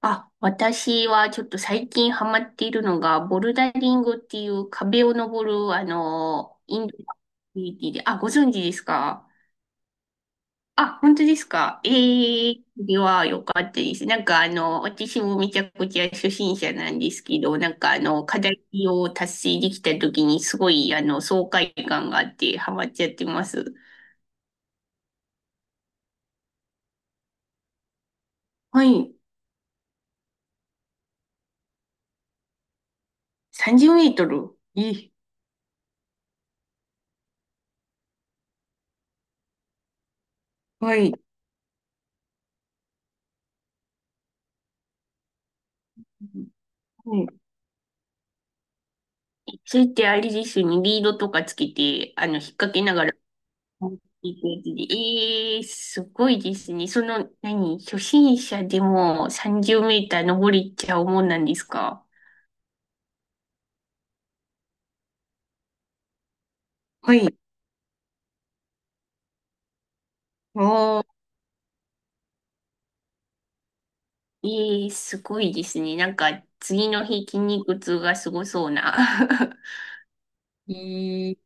あ、私はちょっと最近ハマっているのが、ボルダリングっていう壁を登る、インドアクティビティで、あ、ご存知ですか？あ、本当ですか？ええ、それは良かったです。私もめちゃくちゃ初心者なんですけど、課題を達成できた時にすごい、爽快感があってハマっちゃってます。はい。30メートル。え、はい。はい、それってあれですよね、リードとかつけて、引っ掛けながらいくやつで。ええー、すごいですね。その、何、初心者でも30メーター登れちゃうもんなんですか？はい。ああ、ええー、すごいですね。なんか、次の日筋肉痛がすごそうな。えー、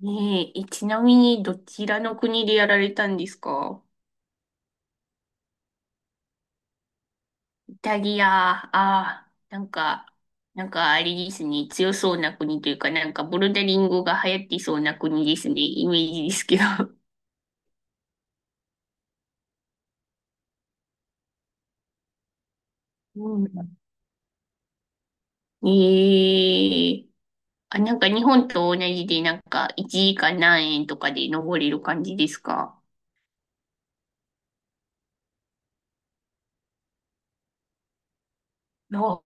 ねえ、え、ちなみに、どちらの国でやられたんですか？イタリア、ああ、なんか、なんかあれですね、強そうな国というか、なんかボルダリングが流行ってそうな国ですね、イメージですけど。うん。ええ、あ、なんか日本と同じで、なんか1時間何円とかで登れる感じですか？あ、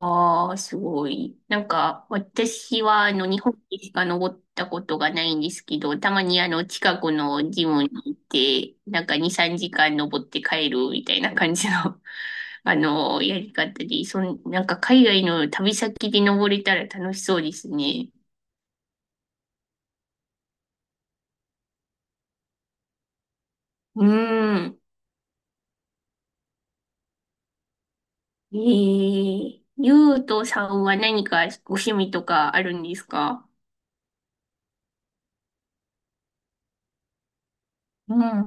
ああ、すごい。なんか、私は、日本でしか登ったことがないんですけど、たまに、近くのジムに行って、なんか2、3時間登って帰るみたいな感じの、やり方で、なんか、海外の旅先で登れたら楽しそうですね。うーん。えー、ゆうとさんは何かご趣味とかあるんですか？うん、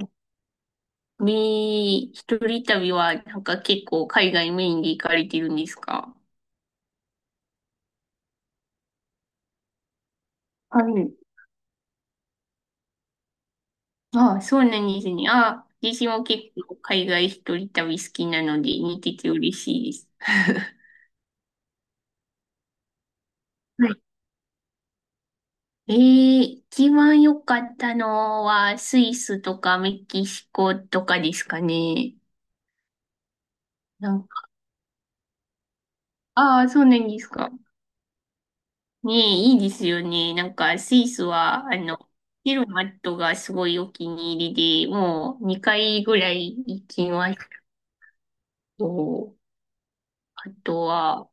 み、一人旅はなんか結構海外メインで行かれてるんですか？はい。ああ、そうなんですね。ああ、私も結構海外一人旅好きなので似てて嬉しいです。はい。ええ、一番良かったのはスイスとかメキシコとかですかね。なんか、ああ、そうなんですか。ねえ、いいですよね。なんか、スイスは、ヘルマットがすごいお気に入りで、もう2回ぐらい行きましたと。あとは、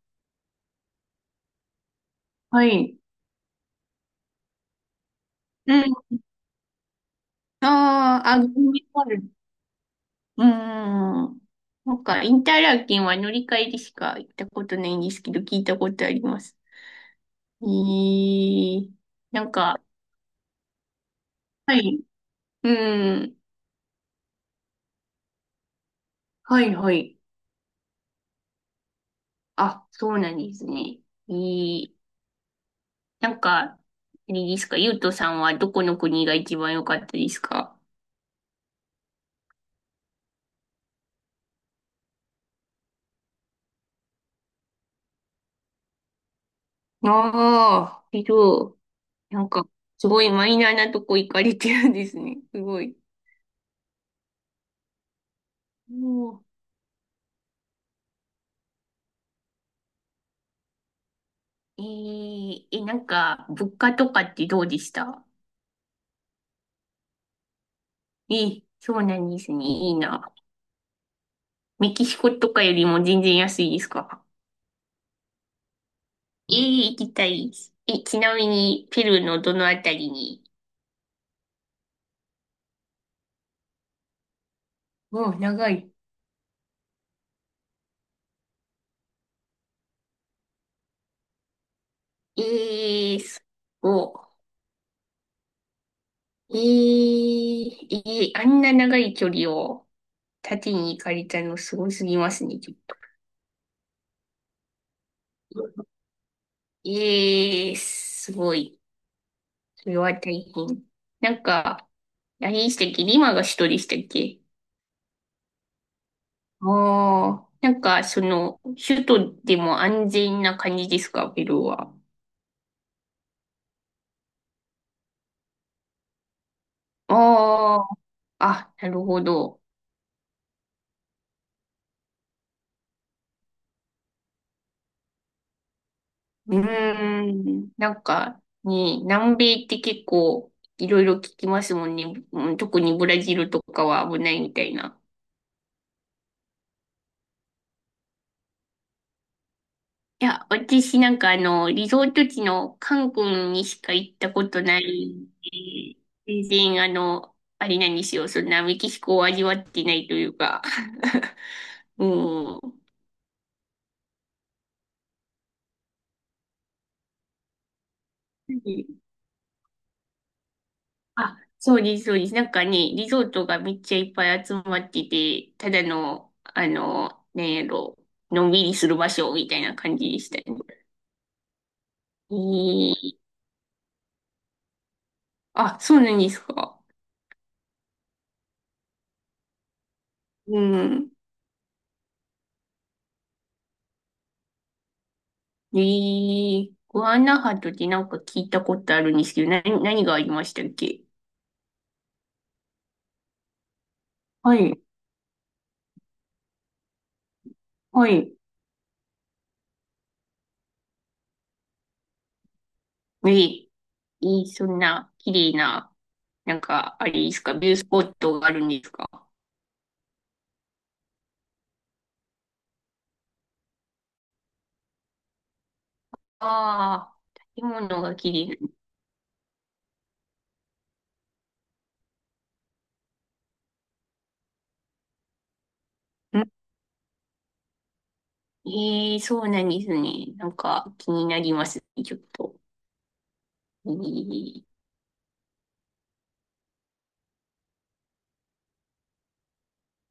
はい。うん。ああ、あ、グミワール、うん。なんか、インターラーケンは乗り換えでしか行ったことないんですけど、聞いたことあります。えー、なんか、はい。うん。はい、はい。あ、そうなんですね。えー、なんか、あれですか、ゆうとさんはどこの国が一番良かったですか？ああー、けど、なんか、すごいマイナーなとこ行かれてるんですね。すごい。おう、えー、え、なんか、物価とかってどうでした？えー、そうなんですね。いいな。メキシコとかよりも全然安いですか？えー、行きたいです。え、ちなみに、ペルーのどのあたりに？おう、長い。えー、すごい。いい、いい、あんな長い距離を縦に行かれたのすごすぎますね、ちょっと。ええ、すごい。それは大変。なんか、何でしたっけ、リマが首都でしたっけ？ああ、なんか、その、首都でも安全な感じですか、ペルーは。ああ、あ、なるほど。うーん。なんか、ね、南米って結構いろいろ聞きますもんね。うん、特にブラジルとかは危ないみたいな。いや、私なんかあの、リゾート地のカン君にしか行ったことないんで、全然あの、あれなんですよ。そんなメキシコを味わってないというか。うん。あ、そうです、そうです。なんかね、リゾートがめっちゃいっぱい集まってて、ただの、なんやろ、のんびりする場所みたいな感じでしたね。えー、あ、そうなんですか。うん。えー、グアナハトってなんか聞いたことあるんですけど、な、何がありましたっけ？はい、はい。えー、えー、そんな綺麗な、なんか、あれですか、ビュースポットがあるんですか？ああー、建物が綺麗。ええ、そうなんですね。なんか気になりますね、ちょっと。えー、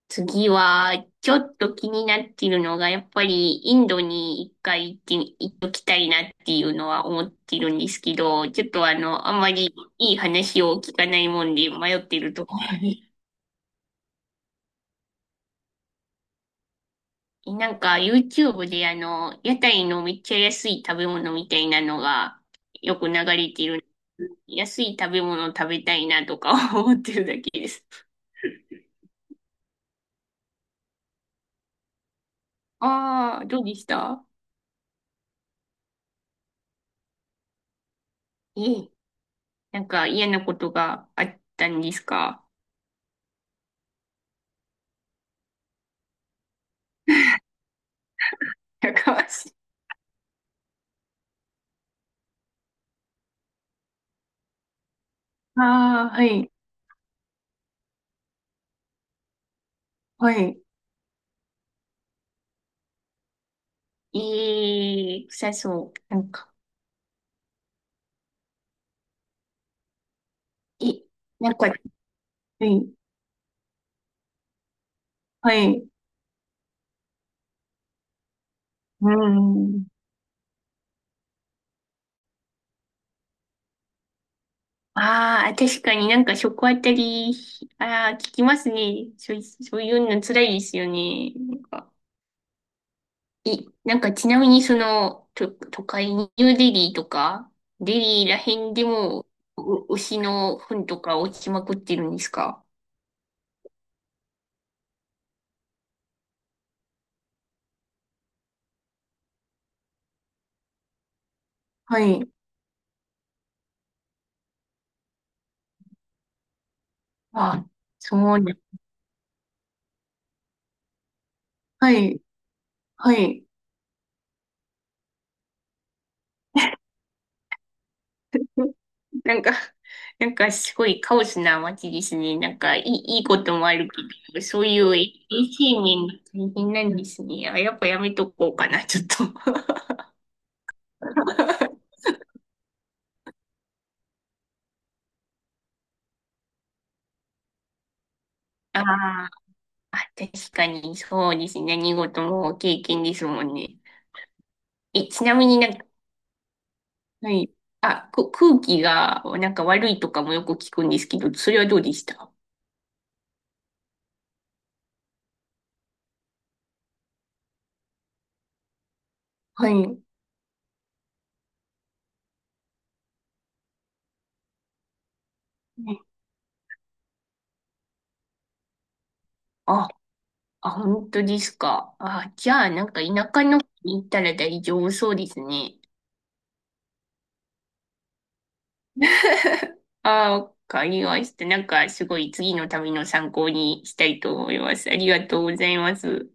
次は、ちょっと気になってるのが、やっぱりインドに一回行って、行っときたいなっていうのは思ってるんですけど、ちょっとあんまりいい話を聞かないもんで迷ってるところに。なんか YouTube で屋台のめっちゃ安い食べ物みたいなのがよく流れてる。安い食べ物食べたいなとか思ってるだけです。ああ、どうでした？ええ、なんか嫌なことがあったんですか？ やかましい。ああ、はい、はい。ええ、臭そう。なんか、え、なんか、はい、はい。うん。ああ、確かになんか食あたり、ああ、聞きますね。そうい、そういうの辛いですよね。なんか、い、なんかちなみにその、と、都会にニューデリーとか、デリーら辺でも、う、牛の糞とか落ちまくってるんですか？はい。あ、そうね。はい。はい。なんか、なんかすごいカオスな街ですね。なんかいい、いいこともあるけど、そういう衛生面が大変なんですね。あ、やっぱやめとこうかな、ちょっと。あー、あ、確かにそうですね。何事も経験ですもんね。え、ちなみになんか、はい。あ、く、空気がなんか悪いとかもよく聞くんですけど、それはどうでした？はい。ね、あ、あ、本当ですか。あ、じゃあ、なんか田舎の方に行ったら大丈夫そうですね。あ、わかりました。なんかすごい次の旅の参考にしたいと思います。ありがとうございます。